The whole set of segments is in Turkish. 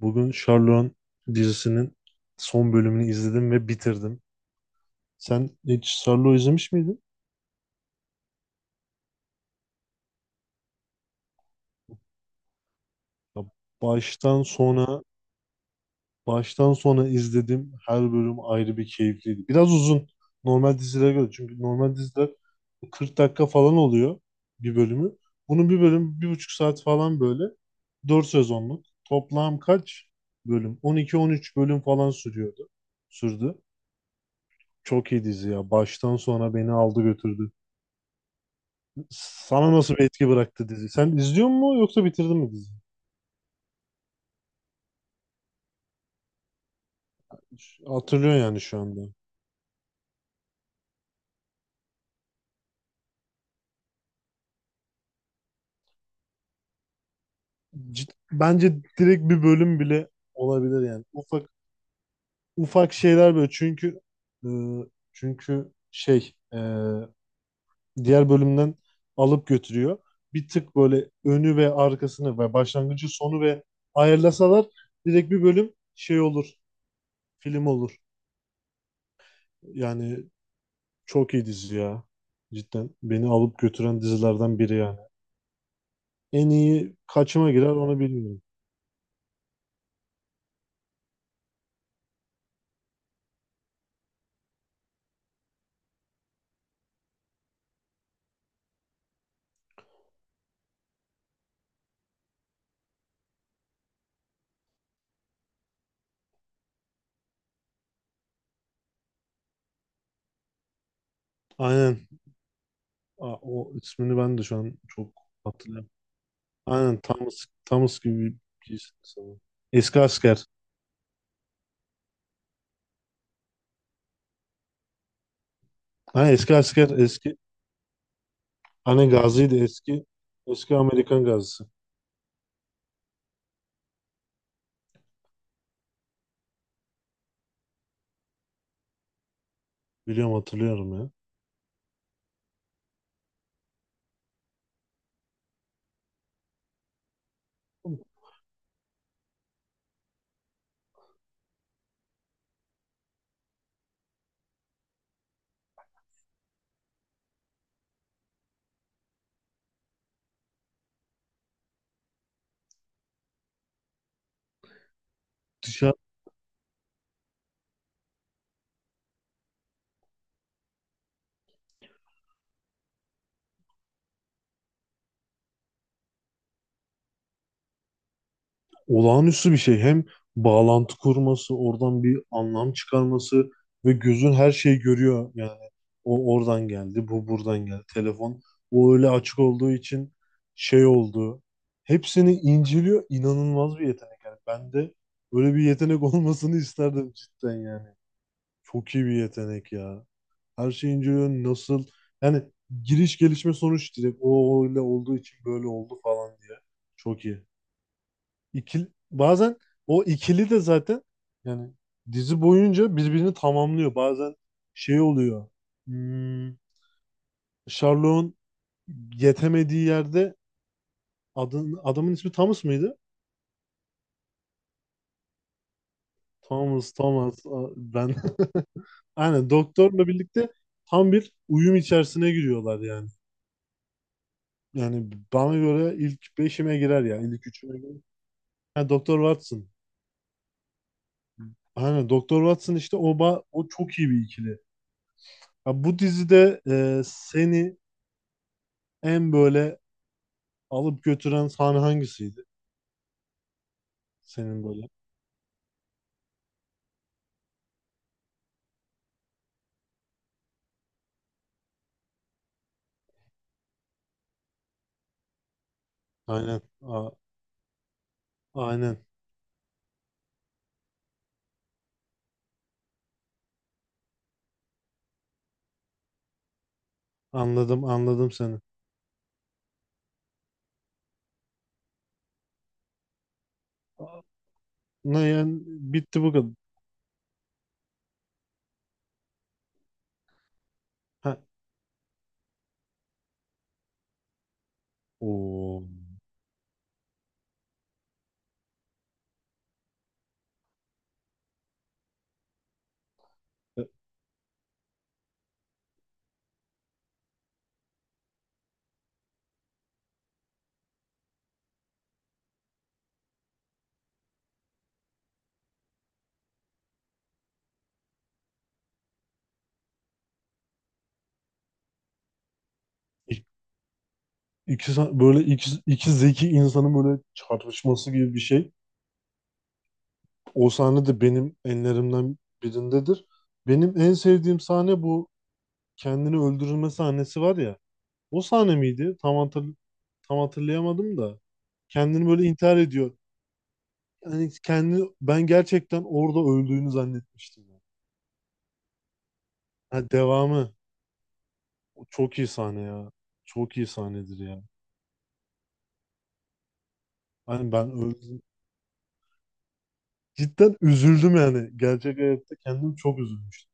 Bugün Sherlock dizisinin son bölümünü izledim ve bitirdim. Sen hiç Sherlock izlemiş miydin? Ya baştan sona baştan sona izledim. Her bölüm ayrı bir keyifliydi. Biraz uzun normal dizilere göre. Çünkü normal diziler 40 dakika falan oluyor bir bölümü. Bunun bir bölüm bir buçuk saat falan böyle. Dört sezonluk. Toplam kaç bölüm? 12-13 bölüm falan sürüyordu. Sürdü. Çok iyi dizi ya. Baştan sona beni aldı götürdü. Sana nasıl bir etki bıraktı dizi? Sen izliyor musun yoksa bitirdin mi diziyi? Hatırlıyorsun yani şu anda. Bence direkt bir bölüm bile olabilir yani. Ufak ufak şeyler böyle çünkü e, çünkü şey diğer bölümden alıp götürüyor. Bir tık böyle önü ve arkasını ve başlangıcı sonu ve ayarlasalar direkt bir bölüm şey olur, film olur. Yani çok iyi dizi ya. Cidden beni alıp götüren dizilerden biri yani. En iyi kaçıma girer onu bilmiyorum. Aynen. Aa, o ismini ben de şu an çok hatırlamıyorum. Aynen Thomas, Thomas gibi birisi sanırım. Eski asker. Ha, eski asker eski. Hani gaziydi eski. Eski Amerikan gazisi. Biliyorum hatırlıyorum ya. Dışarı olağanüstü bir şey. Hem bağlantı kurması, oradan bir anlam çıkarması ve gözün her şeyi görüyor. Yani o oradan geldi, bu buradan geldi. Telefon o öyle açık olduğu için şey oldu. Hepsini inceliyor. İnanılmaz bir yetenek. Yani ben de böyle bir yetenek olmasını isterdim cidden yani. Çok iyi bir yetenek ya. Her şeyi inceliyor. Nasıl? Yani giriş gelişme sonuç direkt o öyle olduğu için böyle oldu falan diye. Çok iyi. İkili, bazen o ikili de zaten yani dizi boyunca birbirini tamamlıyor. Bazen şey oluyor. Hmm, Sherlock'un yetemediği yerde adamın ismi Thomas mıydı? Thomas, Thomas. Ben. Aynen doktorla birlikte tam bir uyum içerisine giriyorlar yani. Yani bana göre ilk beşime girer ya. İlk üçüme girer. Ha, Doktor Watson. Aynen Doktor Watson işte o, o çok iyi bir ikili. Ya bu dizide seni en böyle alıp götüren sahne hangisiydi? Senin böyle. Aynen. Aynen. Anladım, anladım seni. A- Ne yani? Bitti bu kadar. Ha. Oo. E, İ- İki, böyle iki, iki zeki insanın böyle çarpışması gibi bir şey. O sahne de benim enlerimden birindedir. Benim en sevdiğim sahne bu kendini öldürülme sahnesi var ya. O sahne miydi? Tam hatırlayamadım da. Kendini böyle intihar ediyor. Yani kendi ben gerçekten orada öldüğünü zannetmiştim ya. Ha, devamı. O çok iyi sahne ya. Çok iyi sahnedir ya. Hani ben öldüm. Cidden üzüldüm yani. Gerçek hayatta kendim çok üzülmüştüm.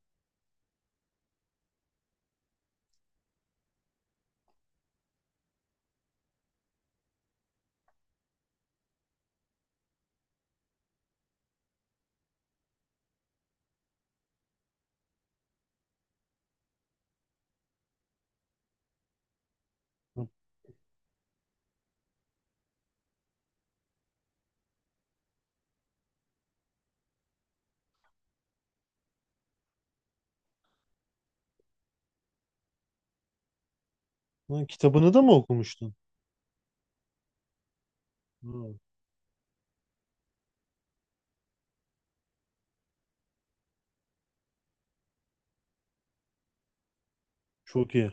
Ha, ha, kitabını da mı okumuştun? Ha, çok iyi.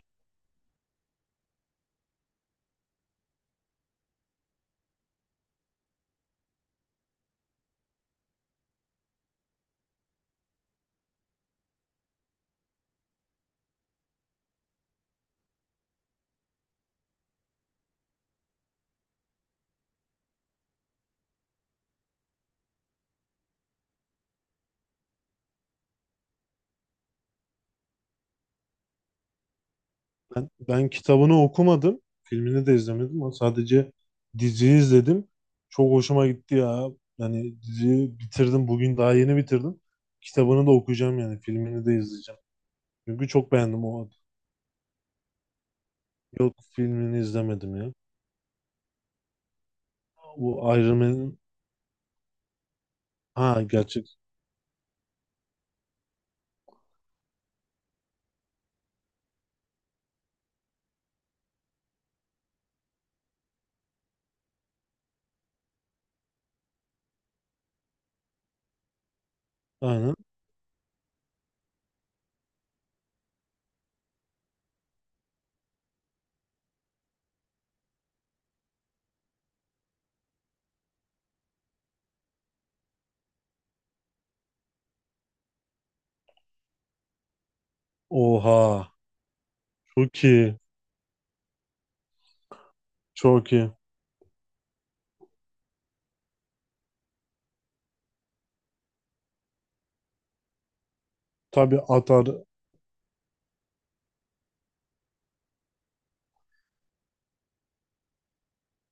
Ben kitabını okumadım. Filmini de izlemedim ama sadece diziyi izledim. Çok hoşuma gitti ya. Yani diziyi bitirdim. Bugün daha yeni bitirdim. Kitabını da okuyacağım yani. Filmini de izleyeceğim. Çünkü çok beğendim o. Yok filmini izlemedim ya. Bu Iron Man'in ha, gerçek aynen. Oha, çok iyi, çok iyi. Tabii atar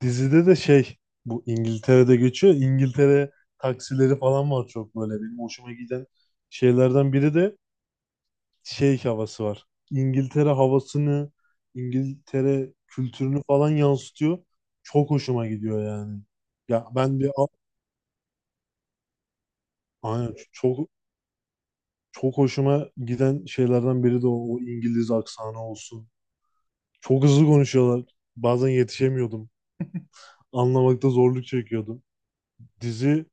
dizide de şey, bu İngiltere'de geçiyor. İngiltere taksileri falan var. Çok böyle benim hoşuma giden şeylerden biri de şey havası var. İngiltere havasını, İngiltere kültürünü falan yansıtıyor. Çok hoşuma gidiyor yani. Ya ben bir aynen çok. Çok hoşuma giden şeylerden biri de o, o İngiliz aksanı olsun. Çok hızlı konuşuyorlar. Bazen yetişemiyordum. Anlamakta zorluk çekiyordum. Dizi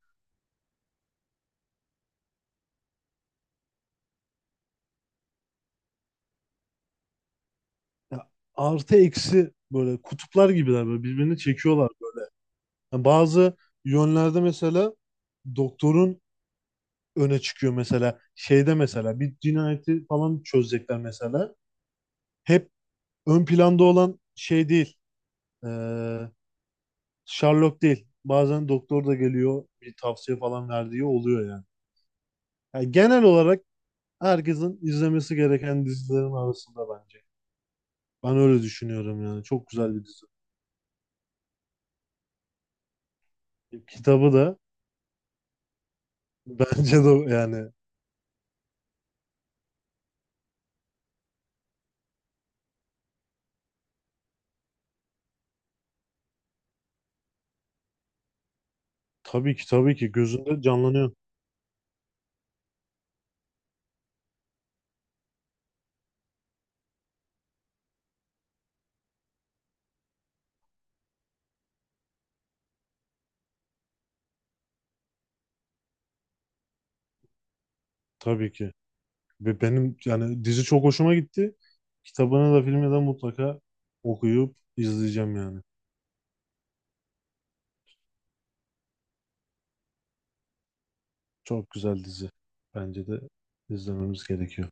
ya, artı eksi böyle kutuplar gibiler, böyle birbirini çekiyorlar. Yani bazı yönlerde mesela doktorun öne çıkıyor mesela şeyde mesela bir cinayeti falan çözecekler mesela. Hep ön planda olan şey değil. Ee, Sherlock değil. Bazen doktor da geliyor bir tavsiye falan verdiği oluyor yani. Yani genel olarak herkesin izlemesi gereken dizilerin arasında bence. Ben öyle düşünüyorum yani. Çok güzel bir dizi. Kitabı da bence de yani tabii ki gözünde canlanıyor tabii ki. Ve benim yani dizi çok hoşuma gitti. Kitabını da filmi de mutlaka okuyup izleyeceğim yani. Çok güzel dizi. Bence de izlememiz gerekiyor.